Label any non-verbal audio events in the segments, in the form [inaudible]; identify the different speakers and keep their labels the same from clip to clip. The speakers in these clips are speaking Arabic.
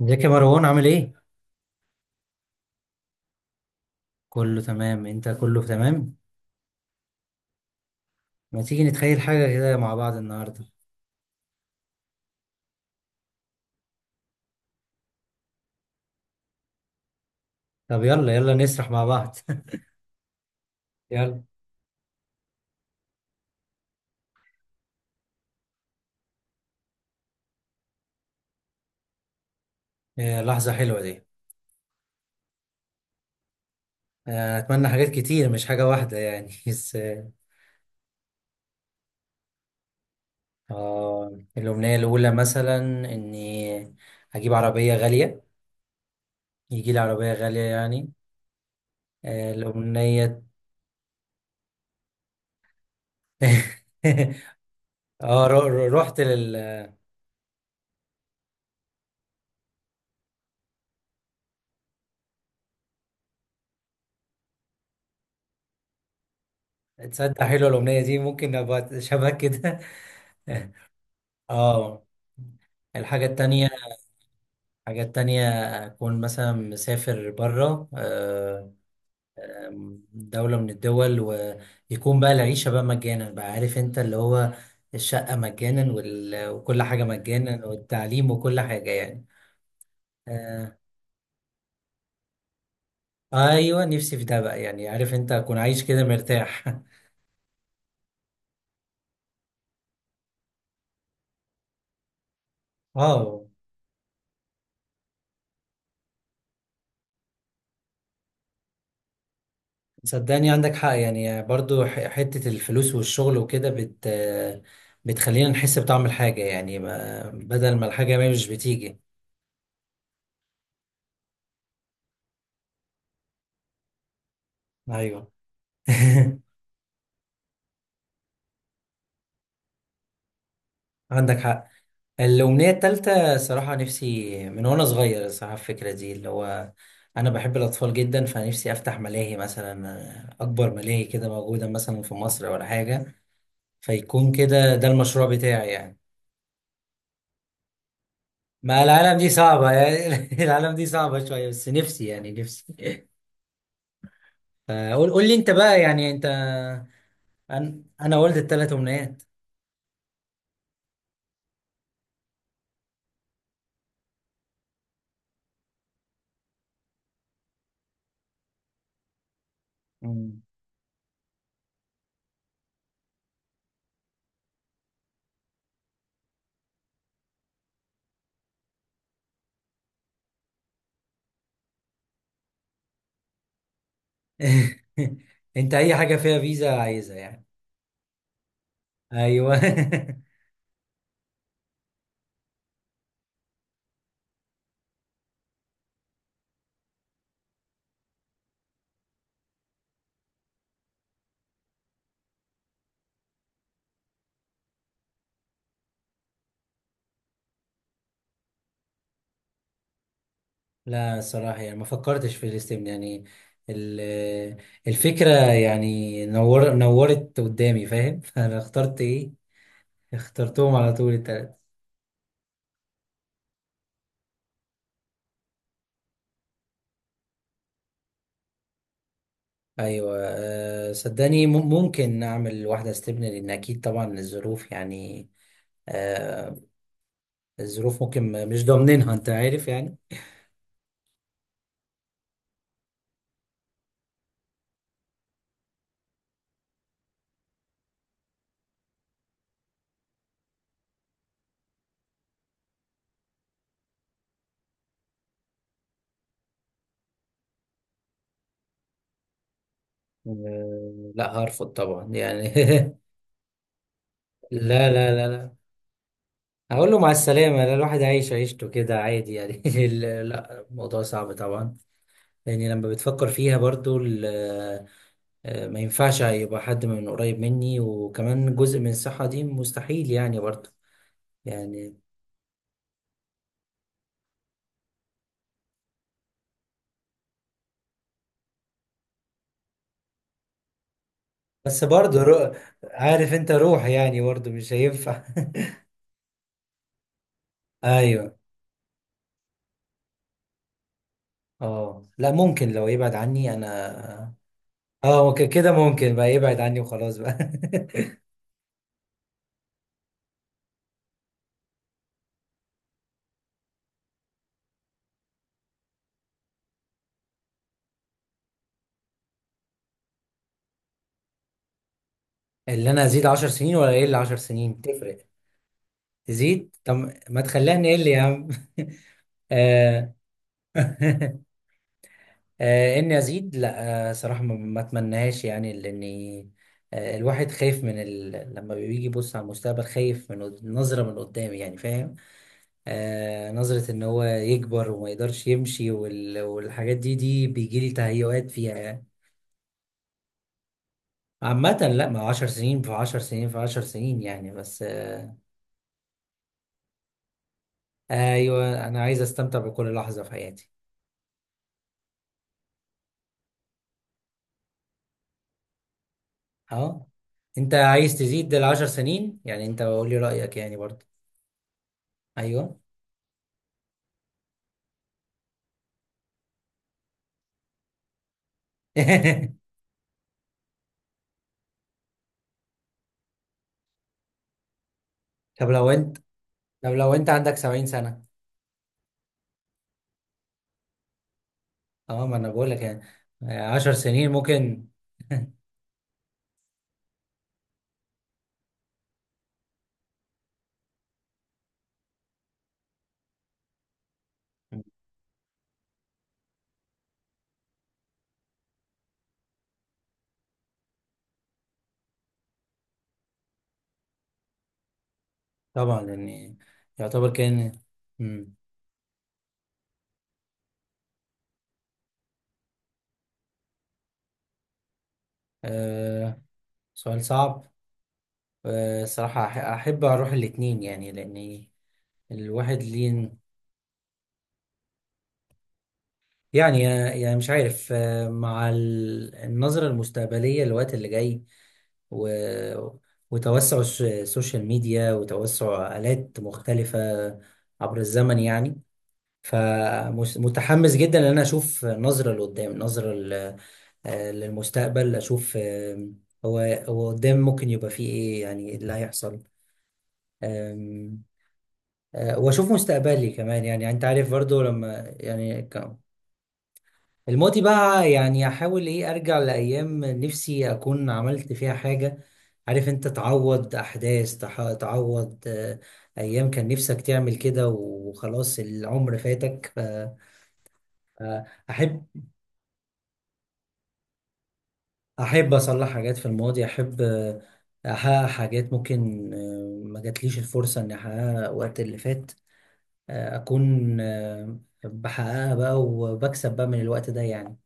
Speaker 1: ازيك يا مروان عامل ايه؟ كله تمام، انت كله تمام؟ ما تيجي نتخيل حاجة كده مع بعض النهاردة. طب يلا نسرح مع بعض. [laughs] يلا. آه، لحظة حلوة دي. آه، اتمنى حاجات كتير مش حاجة واحدة يعني. [laughs] بس آه، الأمنية الأولى مثلا اني اجيب عربية غالية، يجي لي عربية غالية يعني. آه، الأمنية. [laughs] رحت لل. تصدق حلوة الأمنية دي، ممكن ابقى شبه كده. [laughs] اه. الحاجة التانية، حاجات تانية، أكون مثلا مسافر برا، دولة من الدول، ويكون بقى العيشة بقى مجانا بقى، عارف أنت اللي هو الشقة مجانا وكل حاجة مجانا والتعليم وكل حاجة يعني. آه، أيوة، نفسي في ده بقى يعني، عارف أنت، أكون عايش كده مرتاح. [laughs] أه صدقني عندك حق يعني، برضو حتة الفلوس والشغل وكده بتخلينا نحس بطعم الحاجة يعني، بدل ما الحاجة ما مش بتيجي. أيوة. [laughs] عندك حق. الأمنية التالتة، صراحة نفسي من وأنا صغير، صراحة الفكرة دي اللي هو أنا بحب الأطفال جدا، فنفسي أفتح ملاهي مثلا، أكبر ملاهي كده موجودة مثلا في مصر ولا حاجة، فيكون كده ده المشروع بتاعي يعني. ما العالم دي صعبة يعني. [laughs] العالم دي صعبة شوية، بس نفسي يعني، نفسي. فقول، قول لي أنت بقى، يعني أنت. أنا ولد التلات أمنيات. [laughs] أنت أي حاجة فيها فيزا عايزها يعني. أيوه. [laughs] لا الصراحة يعني ما فكرتش في الاستبن يعني. ال- الفكرة يعني، نور، نورت قدامي، فاهم؟ [laughs] فأنا اخترت إيه، اخترتهم على طول التلاتة. أيوة. أه صدقني ممكن أعمل واحدة استبن، لأن أكيد طبعا الظروف يعني. أه. الظروف ممكن مش ضامنينها، أنت عارف يعني. أه لا، هرفض طبعا يعني. [laughs] لا لا لا لا، هقول له مع السلامة، لا الواحد عايش عيشته كده عادي يعني. [laughs] لا الموضوع صعب طبعا، لأني لما بتفكر فيها برضو آه، ما ينفعش يبقى حد من قريب مني، وكمان جزء من الصحة دي مستحيل يعني برضو يعني. بس برضو رو... عارف انت، روح يعني برضو مش هينفع. [laughs] ايوه. اه لا، ممكن لو يبعد عني انا. اه ممكن كده، ممكن بقى يبعد عني وخلاص بقى. [laughs] اللي انا ازيد عشر سنين، ولا اقل عشر سنين تفرق؟ تزيد طب، ما تخليها نقل يا عم. [laughs] آه. [laughs] آه، اني ازيد، لا آه، صراحه ما اتمناهاش يعني، لاني آه، الواحد خايف من لما بيجي يبص على المستقبل، خايف من نظره من قدام يعني، فاهم؟ آه نظره ان هو يكبر وما يقدرش يمشي والحاجات دي، دي بيجي لي تهيؤات فيها يعني. عامة لا، ما هو 10 سنين في 10 سنين في 10 سنين يعني، بس آه. ايوه انا عايز استمتع بكل لحظة في حياتي. اه، انت عايز تزيد ال 10 سنين يعني، انت قول لي رأيك يعني برضه. ايوه. [laughs] طب لو انت، طب لو انت عندك 70 سنة؟ اه ما انا بقول لك يعني، آه، 10 سنين ممكن. [laughs] طبعا يعني، يعتبر كان. مم. آه، سؤال صعب. آه صراحة أحب أروح الاتنين يعني، لأن الواحد ليه يعني، يعني مش عارف آه، مع النظرة المستقبلية للوقت اللي جاي و... وتوسع السوشيال ميديا، وتوسع آلات مختلفة عبر الزمن يعني. فمتحمس جدا ان انا اشوف نظره لقدام، نظره آه، للمستقبل، اشوف آه، هو هو قدام ممكن يبقى فيه ايه يعني، إيه اللي هيحصل، آم، آه، واشوف مستقبلي كمان يعني، انت عارف برضو لما يعني الماضي بقى يعني احاول ايه، ارجع لايام نفسي اكون عملت فيها حاجه، عارف انت، تعوض احداث، تعوض آه، ايام كان نفسك تعمل كده وخلاص العمر فاتك ف-. آه، احب اصلح حاجات في الماضي، احب آه، احقق حاجات ممكن آه، ما جاتليش الفرصه اني احققها وقت اللي فات، آه، اكون آه، بحققها بقى، وبكسب بقى من الوقت ده يعني.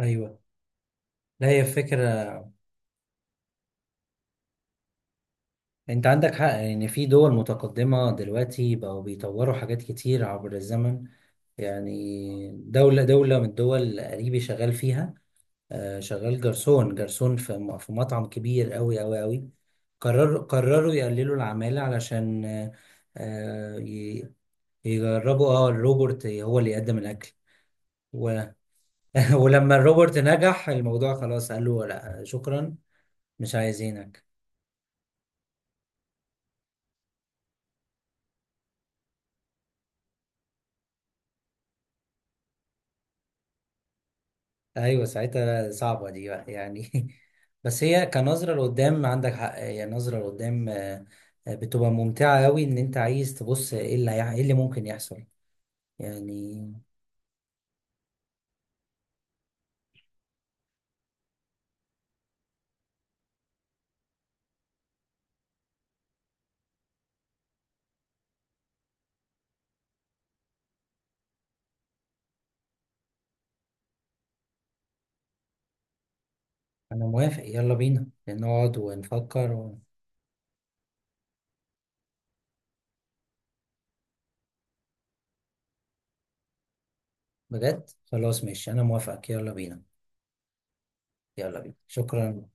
Speaker 1: ايوه لا، هي فكره، انت عندك حق ان في دول متقدمه دلوقتي بقوا بيطوروا حاجات كتير عبر الزمن يعني. دوله من الدول قريبي شغال فيها آه، شغال جرسون في في مطعم كبير قوي. قرروا يقللوا العمالة، علشان آه، آه، يجربوا اه الروبوت هو اللي يقدم الأكل و- [laughs] ولما الروبوت نجح الموضوع خلاص، قال له لا شكرا، مش عايزينك. ايوه ساعتها صعبة دي بقى يعني. [laughs] بس هي كنظرة لقدام، عندك حق، هي نظرة لقدام آه، آه، بتبقى ممتعة قوي، ان انت عايز تبص ايه ايه اللي ممكن يحصل يعني. انا موافق، يلا بينا نقعد ونفكر بجد خلاص ماشي، انا موافقك، يلا بينا. يلا بينا، شكرا.